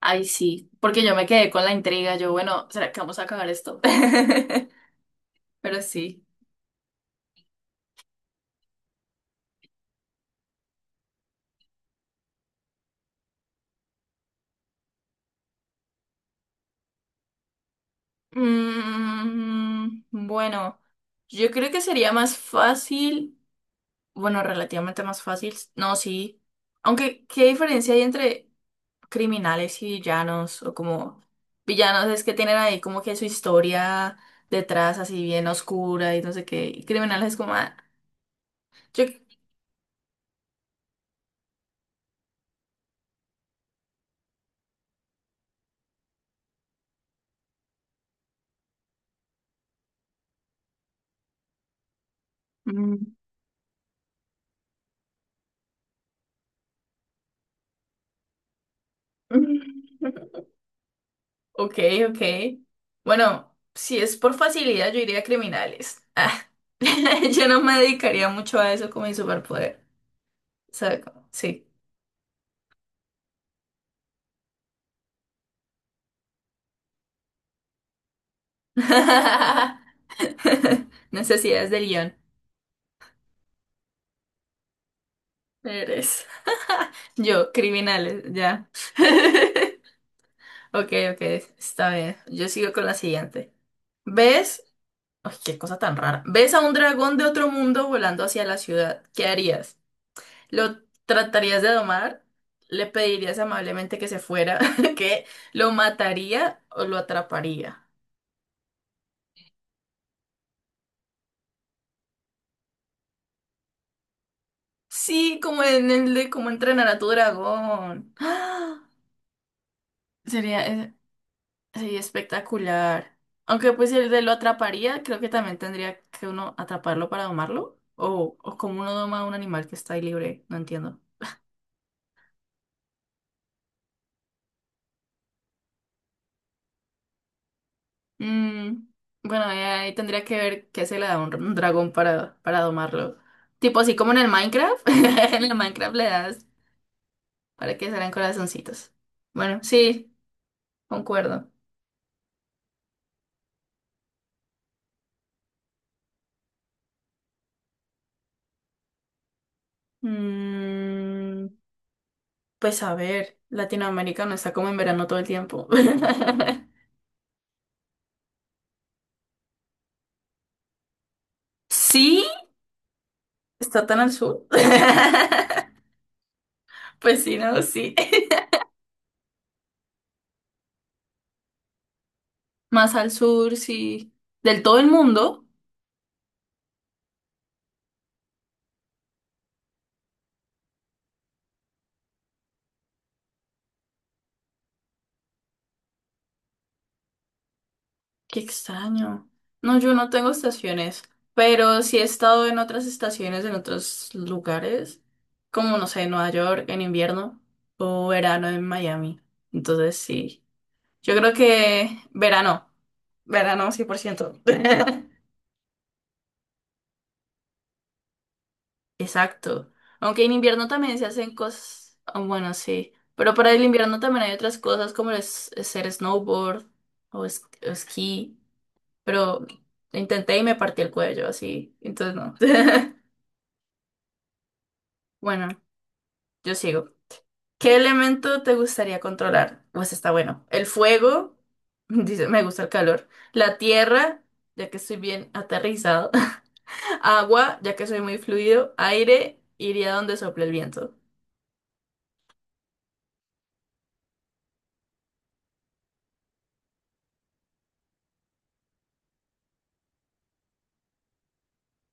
Ay, sí, porque yo me quedé con la intriga. Yo, bueno, ¿será que vamos a acabar esto? Pero sí. Bueno, yo creo que sería más fácil, bueno, relativamente más fácil. No, sí. Aunque, ¿qué diferencia hay entre criminales y villanos? O como villanos es que tienen ahí como que su historia detrás así bien oscura y no sé qué. Y criminales es como... ah, yo... Mm. Ok, ok. Bueno, si es por facilidad, yo iría a criminales. Ah, yo no me dedicaría mucho a eso como mi superpoder. ¿Sabe cómo? Sí. Necesidades de guión. Eres. Yo, criminales, ya. Ok, ok, está bien. Yo sigo con la siguiente. ¿Ves? Ay, qué cosa tan rara. ¿Ves a un dragón de otro mundo volando hacia la ciudad? ¿Qué harías? Lo tratarías de domar, le pedirías amablemente que se fuera, que lo mataría o lo atraparía. Sí, como en el de cómo entrenar a tu dragón. ¡Ah! Sería, eh, sería espectacular. Aunque pues si el de lo atraparía, creo que también tendría que uno atraparlo para domarlo. O como uno doma a un animal que está ahí libre, no entiendo. Mm, bueno, ahí tendría que ver qué se le da a un dragón para domarlo. Tipo así como en el Minecraft. En el Minecraft le das para que salgan corazoncitos. Bueno, sí, concuerdo. Mm, pues a ver, Latinoamérica no está como en verano todo el tiempo. Sí, está tan al sur. Pues sí, no, sí. Más al sur, sí. Del todo el mundo. Qué extraño. No, yo no tengo estaciones, pero sí he estado en otras estaciones, en otros lugares, como no sé, en Nueva York en invierno o verano en Miami. Entonces sí, yo creo que verano, verano 100%. Exacto. Aunque en invierno también se hacen cosas, ah, bueno, sí, pero para el invierno también hay otras cosas como es hacer snowboard o esquí. Pero intenté y me partí el cuello, así, entonces no. Bueno, yo sigo. ¿Qué elemento te gustaría controlar? Pues está bueno. El fuego, dice, me gusta el calor. La tierra, ya que estoy bien aterrizado. Agua, ya que soy muy fluido. Aire, iría donde sople el viento.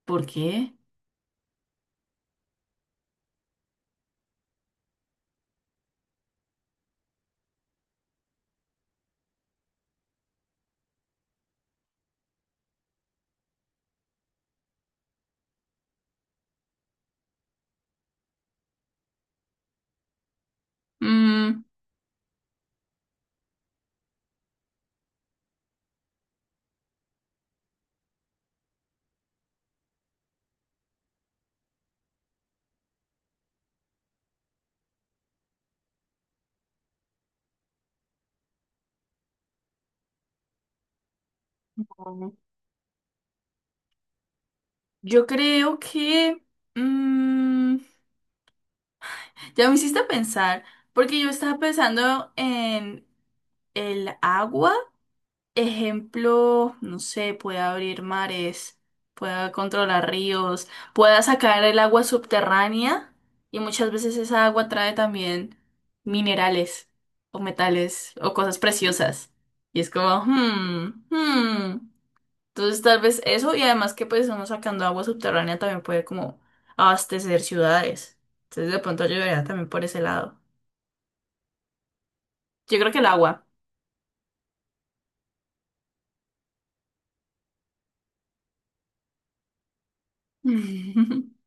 ¿Por qué? Mm, Mm. Yo creo que... mm, ya me hiciste pensar, porque yo estaba pensando en el agua. Ejemplo, no sé, pueda abrir mares, pueda controlar ríos, pueda sacar el agua subterránea y muchas veces esa agua trae también minerales o metales o cosas preciosas. Y es como, hmm. Entonces tal vez eso y además que pues uno sacando agua subterránea también puede como abastecer ciudades. Entonces de pronto ayudaría también por ese lado. Yo creo que el agua.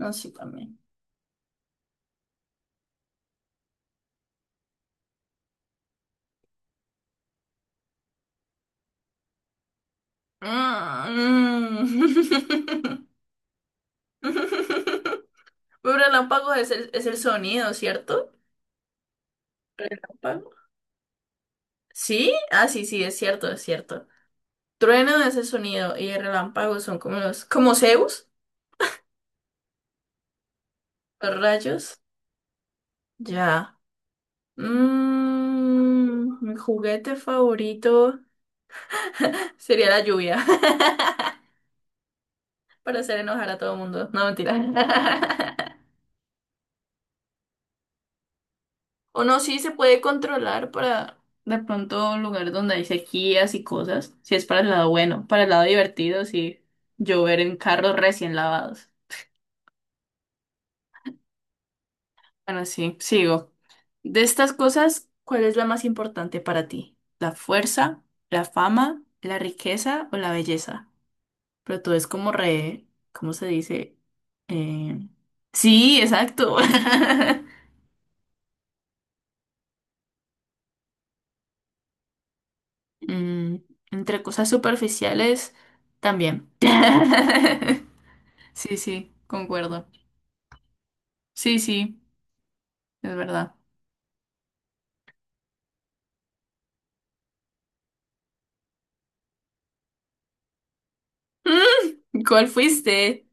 No sé también. Ah, mm. Un relámpago es el sonido, ¿cierto? Relámpago. ¿Sí? Ah, sí, sí, es cierto, es cierto. Trueno es el sonido y el relámpago son como los, como Zeus, los rayos. Ya. Mi juguete favorito sería la lluvia. Para hacer enojar a todo el mundo. No, mentira. O no, sí se puede controlar para de pronto un lugar donde hay sequías y cosas. Si es para el lado bueno, para el lado divertido, sí. Llover en carros recién lavados. Bueno, sí, sigo. De estas cosas, ¿cuál es la más importante para ti? ¿La fuerza, la fama, la riqueza o la belleza? Pero tú es como re, ¿cómo se dice? Eh, Sí, exacto. Mm, Entre cosas superficiales también. Sí, sí, concuerdo. Sí, sí, es verdad. ¿Cuál fuiste?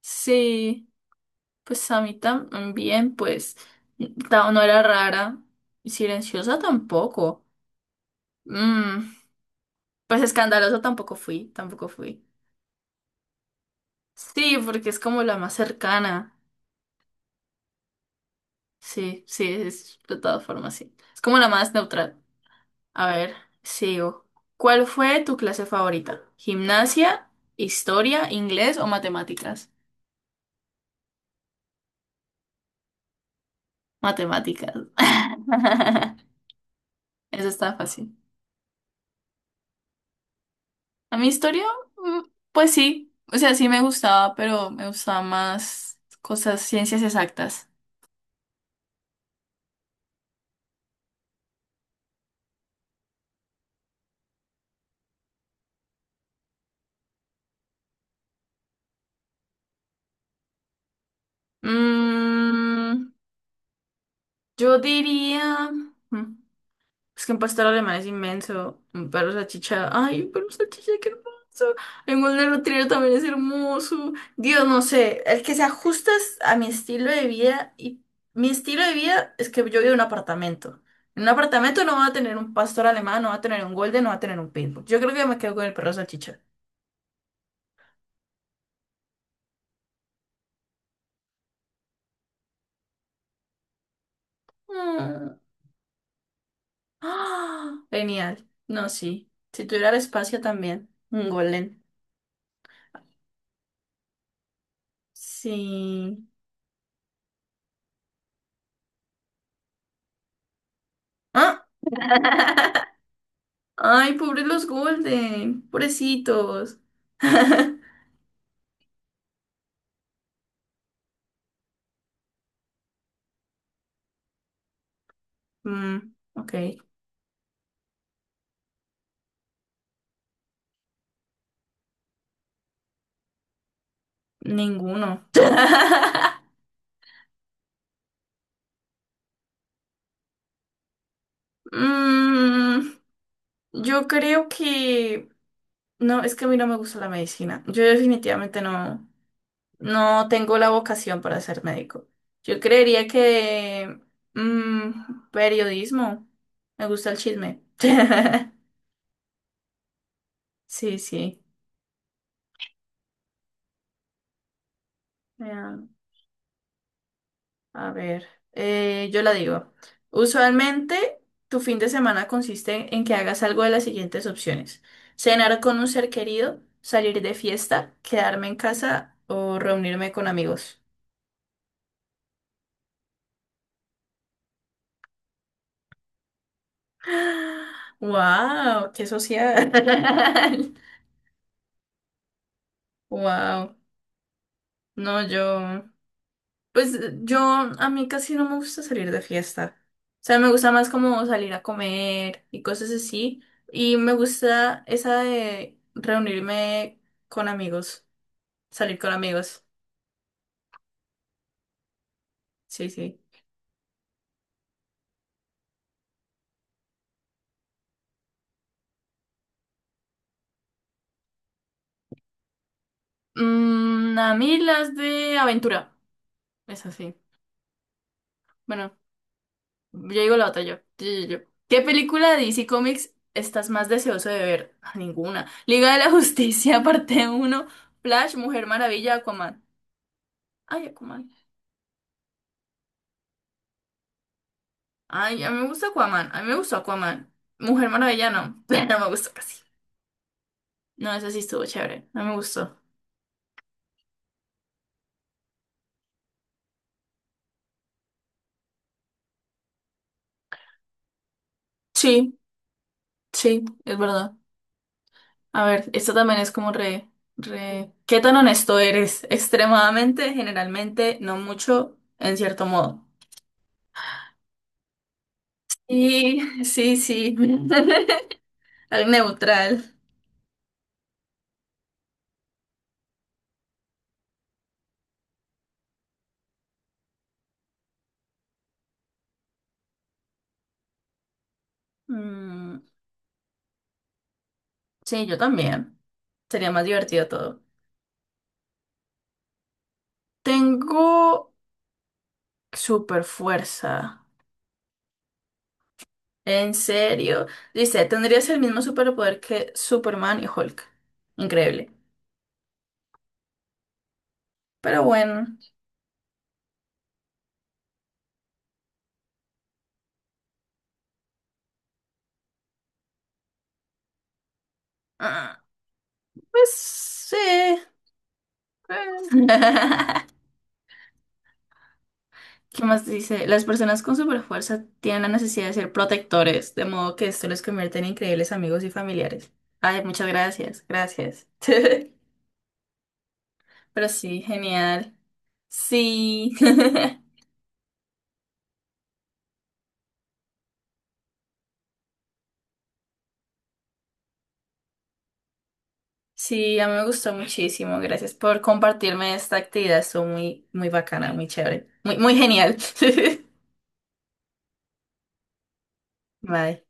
Sí, pues a mí también, pues no era rara. Y Silenciosa tampoco. Mm, pues escandalosa tampoco fui, tampoco fui. Sí, porque es como la más cercana. Sí, sí, es de todas formas, sí. Es como la más neutral. A ver, sigo. ¿Cuál fue tu clase favorita? ¿Gimnasia, historia, inglés o matemáticas? Matemáticas. Eso estaba fácil. A mi historia, mm, pues sí. O sea, sí me gustaba, pero me gustaba más cosas, ciencias exactas. Mm, yo diría. mm, Es que un pastor alemán es inmenso. Un perro salchicha. Ay, un perro salchicha, qué hermoso. Un golden retriever también es hermoso. Dios, no sé. El que se ajusta es a mi estilo de vida. Y mi estilo de vida es que yo vivo en un apartamento. En un apartamento no va a tener un pastor alemán, no va a tener un golden, no va a tener un pitbull. Yo creo que me quedo con el perro salchicha. Mm. ¡Ah! Genial. No, sí. Si tuviera el espacio también. Un golden. Sí. ¿Ah? Ay, pobres los Golden, pobrecitos. Ok, ninguno. Mm, yo creo que... No, es que a mí no me gusta la medicina. Yo definitivamente no, no tengo la vocación para ser médico. Yo creería que... periodismo. Me gusta el chisme. Sí, sí. A ver, yo la digo. Usualmente, tu fin de semana consiste en que hagas algo de las siguientes opciones. Cenar con un ser querido, salir de fiesta, quedarme en casa o reunirme con amigos. ¡Wow! ¡Qué social! ¡Wow! No, yo. Pues yo, a mí casi no me gusta salir de fiesta. O sea, me gusta más como salir a comer y cosas así. Y me gusta esa de reunirme con amigos, salir con amigos. Sí, sí. A mí las de aventura. Es así. Bueno, yo digo la otra yo. Yo, yo, yo. ¿Qué película de DC Comics estás más deseoso de ver? Ah, ninguna. Liga de la Justicia, parte uno, Flash, Mujer Maravilla, Aquaman. Ay, Aquaman. Ay, a mí me gusta Aquaman. A mí me gustó Aquaman. Mujer Maravilla no. No me gustó casi. No, ese sí estuvo chévere. No me gustó. Sí, sí, es verdad. A ver, esto también es como re... ¿Qué tan honesto eres? Extremadamente, generalmente, no mucho, en cierto modo. Y sí, sí. Al neutral. Mm, sí, yo también. Sería más divertido todo. Tengo super fuerza. En serio. Dice, tendrías el mismo superpoder que Superman y Hulk. Increíble. Pero bueno. ah, Pues sí. ¿Qué más dice? Las personas con superfuerza tienen la necesidad de ser protectores, de modo que esto les convierte en increíbles amigos y familiares. Ay, muchas gracias, gracias. Pero sí, genial. Sí. Sí, a mí me gustó muchísimo. Gracias por compartirme esta actividad. Estuvo muy, muy bacana, muy chévere, muy, muy genial. Bye.